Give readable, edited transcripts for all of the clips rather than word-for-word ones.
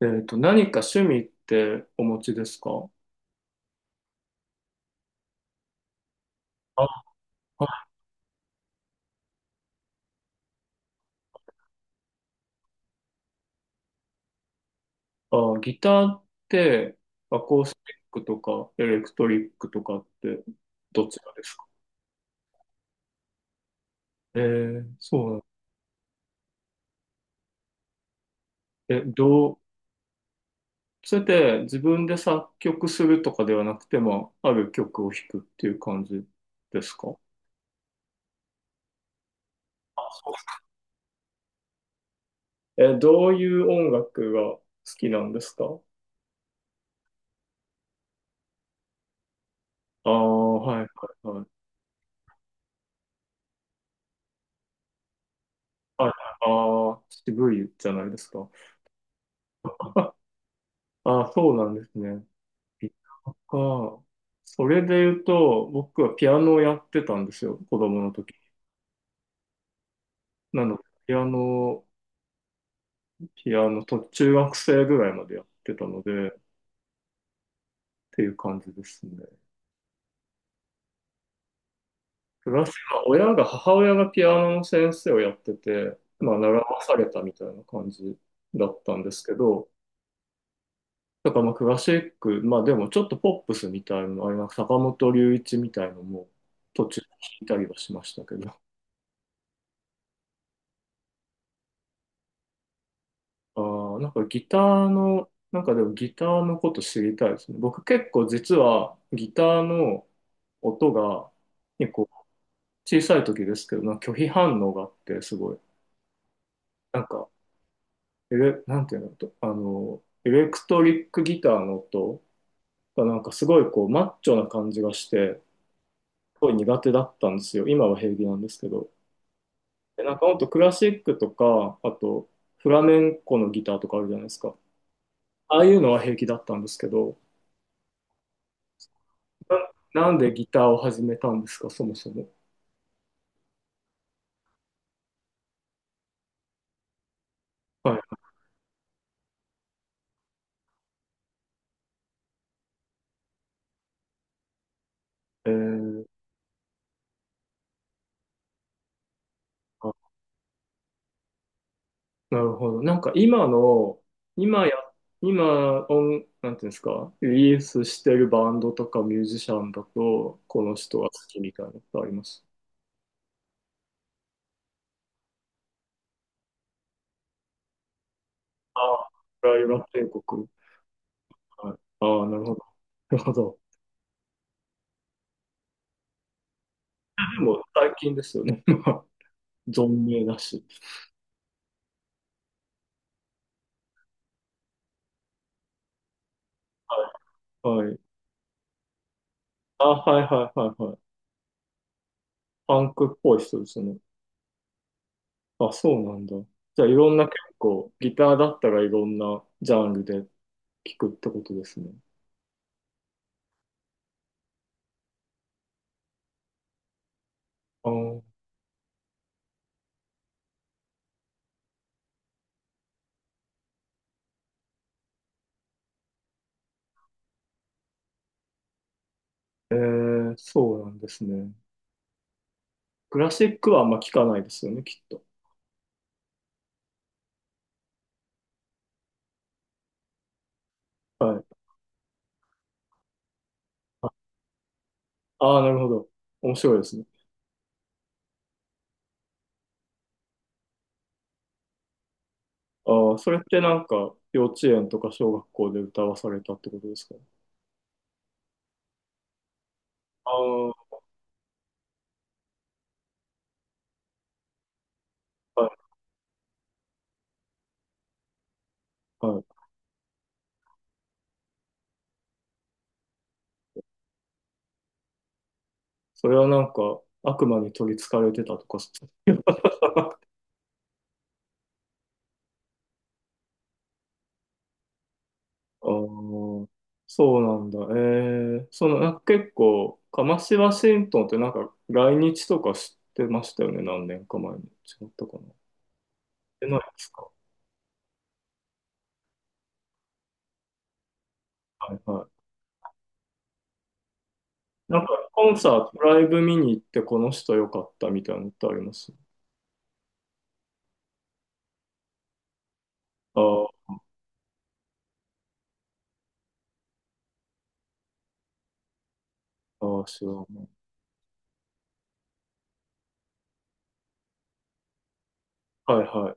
何か趣味ってお持ちですか？あはあ、ギターって、アコースティックとかエレクトリックとかってどちらですか？そうなん、え、どう、それで自分で作曲するとかではなくても、ある曲を弾くっていう感じですか？え、どういう音楽が好きなんですか？ああ、はいはい。はい。ああー、渋いじゃないですか。ああ、そうなんですね。ああ、それで言うと、僕はピアノをやってたんですよ、子供の時。なので、ピアノと中学生ぐらいまでやってたので、っていう感じですね。プラス、まあ親が、母親がピアノの先生をやってて、まあ、習わされたみたいな感じだったんですけど、だからまあクラシック、まあでもちょっとポップスみたいなの、あれなんか坂本龍一みたいのも途中で弾いたりはしましたけど、あーなんかギターの、なんかでもギターのこと知りたいですね。僕結構実はギターの音が結構小さい時ですけど、なんか拒否反応があってすごい、なんか、エレ、なんていうのと、エレクトリックギターの音がなんかすごいこうマッチョな感じがして、すごい苦手だったんですよ。今は平気なんですけど。で、なんかほんとクラシックとか、あとフラメンコのギターとかあるじゃないですか。ああいうのは平気だったんですけど、な、なんでギターを始めたんですか、そもそも。はい。えー、あ、なるほど。なんか今の、今や、今音、なんていうんですか、リリースしてるバンドとかミュージシャンだと、この人が好きみたいなことあります？ああ、プライバ帝国。はい。ああ、なるほど。なるほど。でも最近ですよね。まあ存命だし。はい。あ、はいはいはいはい。パンクっぽい人ですね。あ、そうなんだ。じゃあ、いろんな結構、ギターだったらいろんなジャンルで聴くってことですね。あー、えー、そうなんですね。クラシックはあんま聞かないですよね、きっと。はい。ああー、なるほど。面白いですね。ああ、それってなんか、幼稚園とか小学校で歌わされたってことですか？ああー、はい、はい。それはなんか、悪魔に取り憑かれてたとか、そう、ああそうなんだ。ええその、なんか結構、カマシワシントンってなんか来日とかしてましたよね、何年か前に。違ったかな。してないですか？はいはい。なんかコンサート、ライブ見に行ってこの人良かったみたいなのってあります？ああああ知らない。はいはい。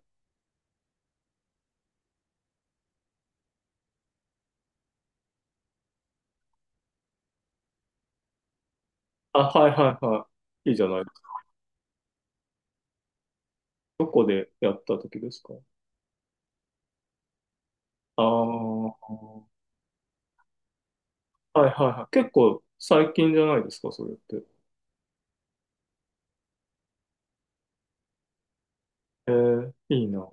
あ、はいはいはい。いいじゃないですか。どこでやった時ですか？ああ、はいはいはい。結構最近じゃないですか、それって。ええいいな。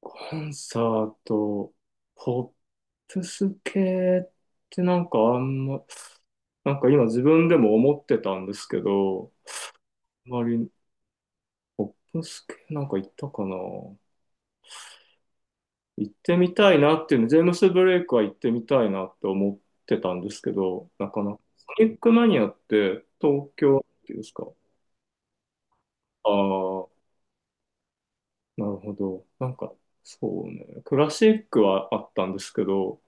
コンサート、ポップス系ってなんかあんま、なんか今自分でも思ってたんですけど、あまりポップス系なんか行ったかな、行ってみたいなっていうの、ジェームス・ブレイクは行ってみたいなって思ってたんですけど、なかなか。ソニックマニアって東京ですか？ああー、なるほど。なんか、そうね。クラシックはあったんですけど、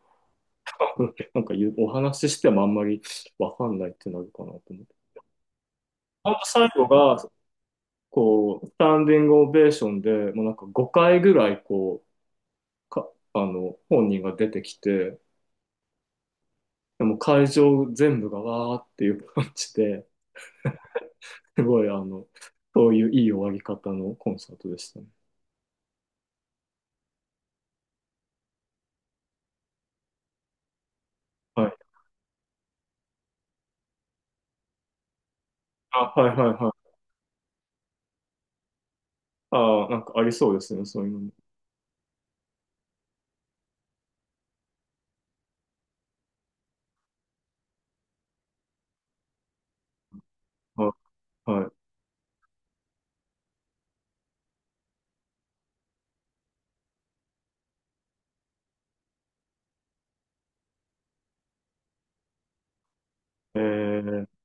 なんか言うお話ししてもあんまりわかんないってなるかなと思って。ほんと最後が、こう、スタンディングオベーションで、もうなんか5回ぐらい、こう、か、本人が出てきて、でも会場全部がわーっていう感じで、すごい、あの、そういういい終わり方のコンサートでしたね。はい。あ、はいはいはい。ああ、なんかありそうですね、そういうのも。はい。はい。えー、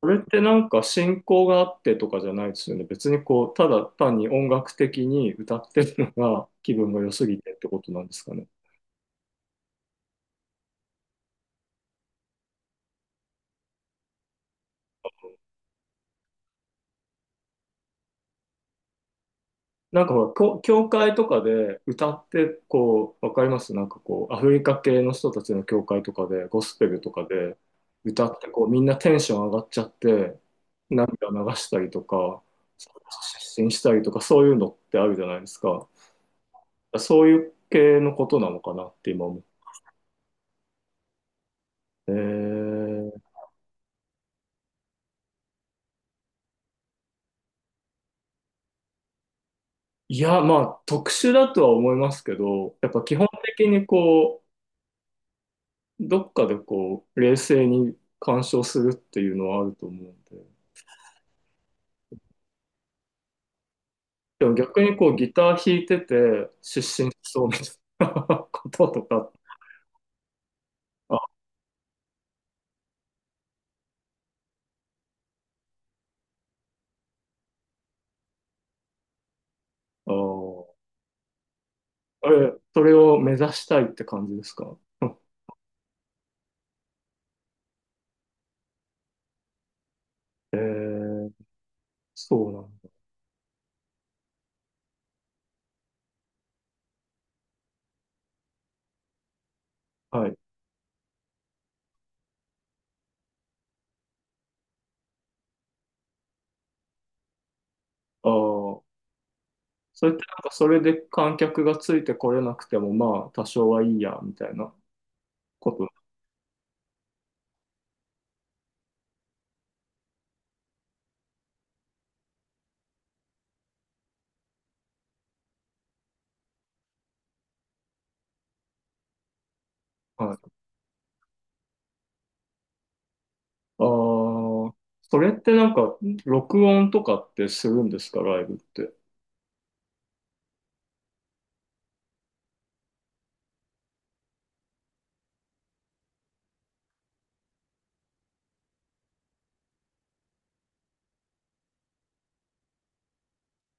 これってなんか進行があってとかじゃないですよね。別にこう、ただ単に音楽的に歌ってるのが 気分が良すぎてってことなんですかね。なんかほら、教教会とかで歌って、こう、わかりますなんかこう、アフリカ系の人たちの教会とかで、ゴスペルとかで歌って、こう、みんなテンション上がっちゃって、涙流したりとか、失神したりとか、そういうのってあるじゃないですか。そういう系のことなのかなって今思って。えー、いや、まあ、特殊だとは思いますけど、やっぱ基本的にこう、どっかでこう、冷静に鑑賞するっていうのはあると思うんで。でも逆にこう、ギター弾いてて、失神しそうみたいな こととか、あ、あー、え、それを目指したいって感じですか？ えー、そうなんだ。はい。ああ、それってなんかそれで観客がついてこれなくても、まあ、多少はいいや、みたいなこと。はい。ああ、それってなんか、録音とかってするんですか、ライブって。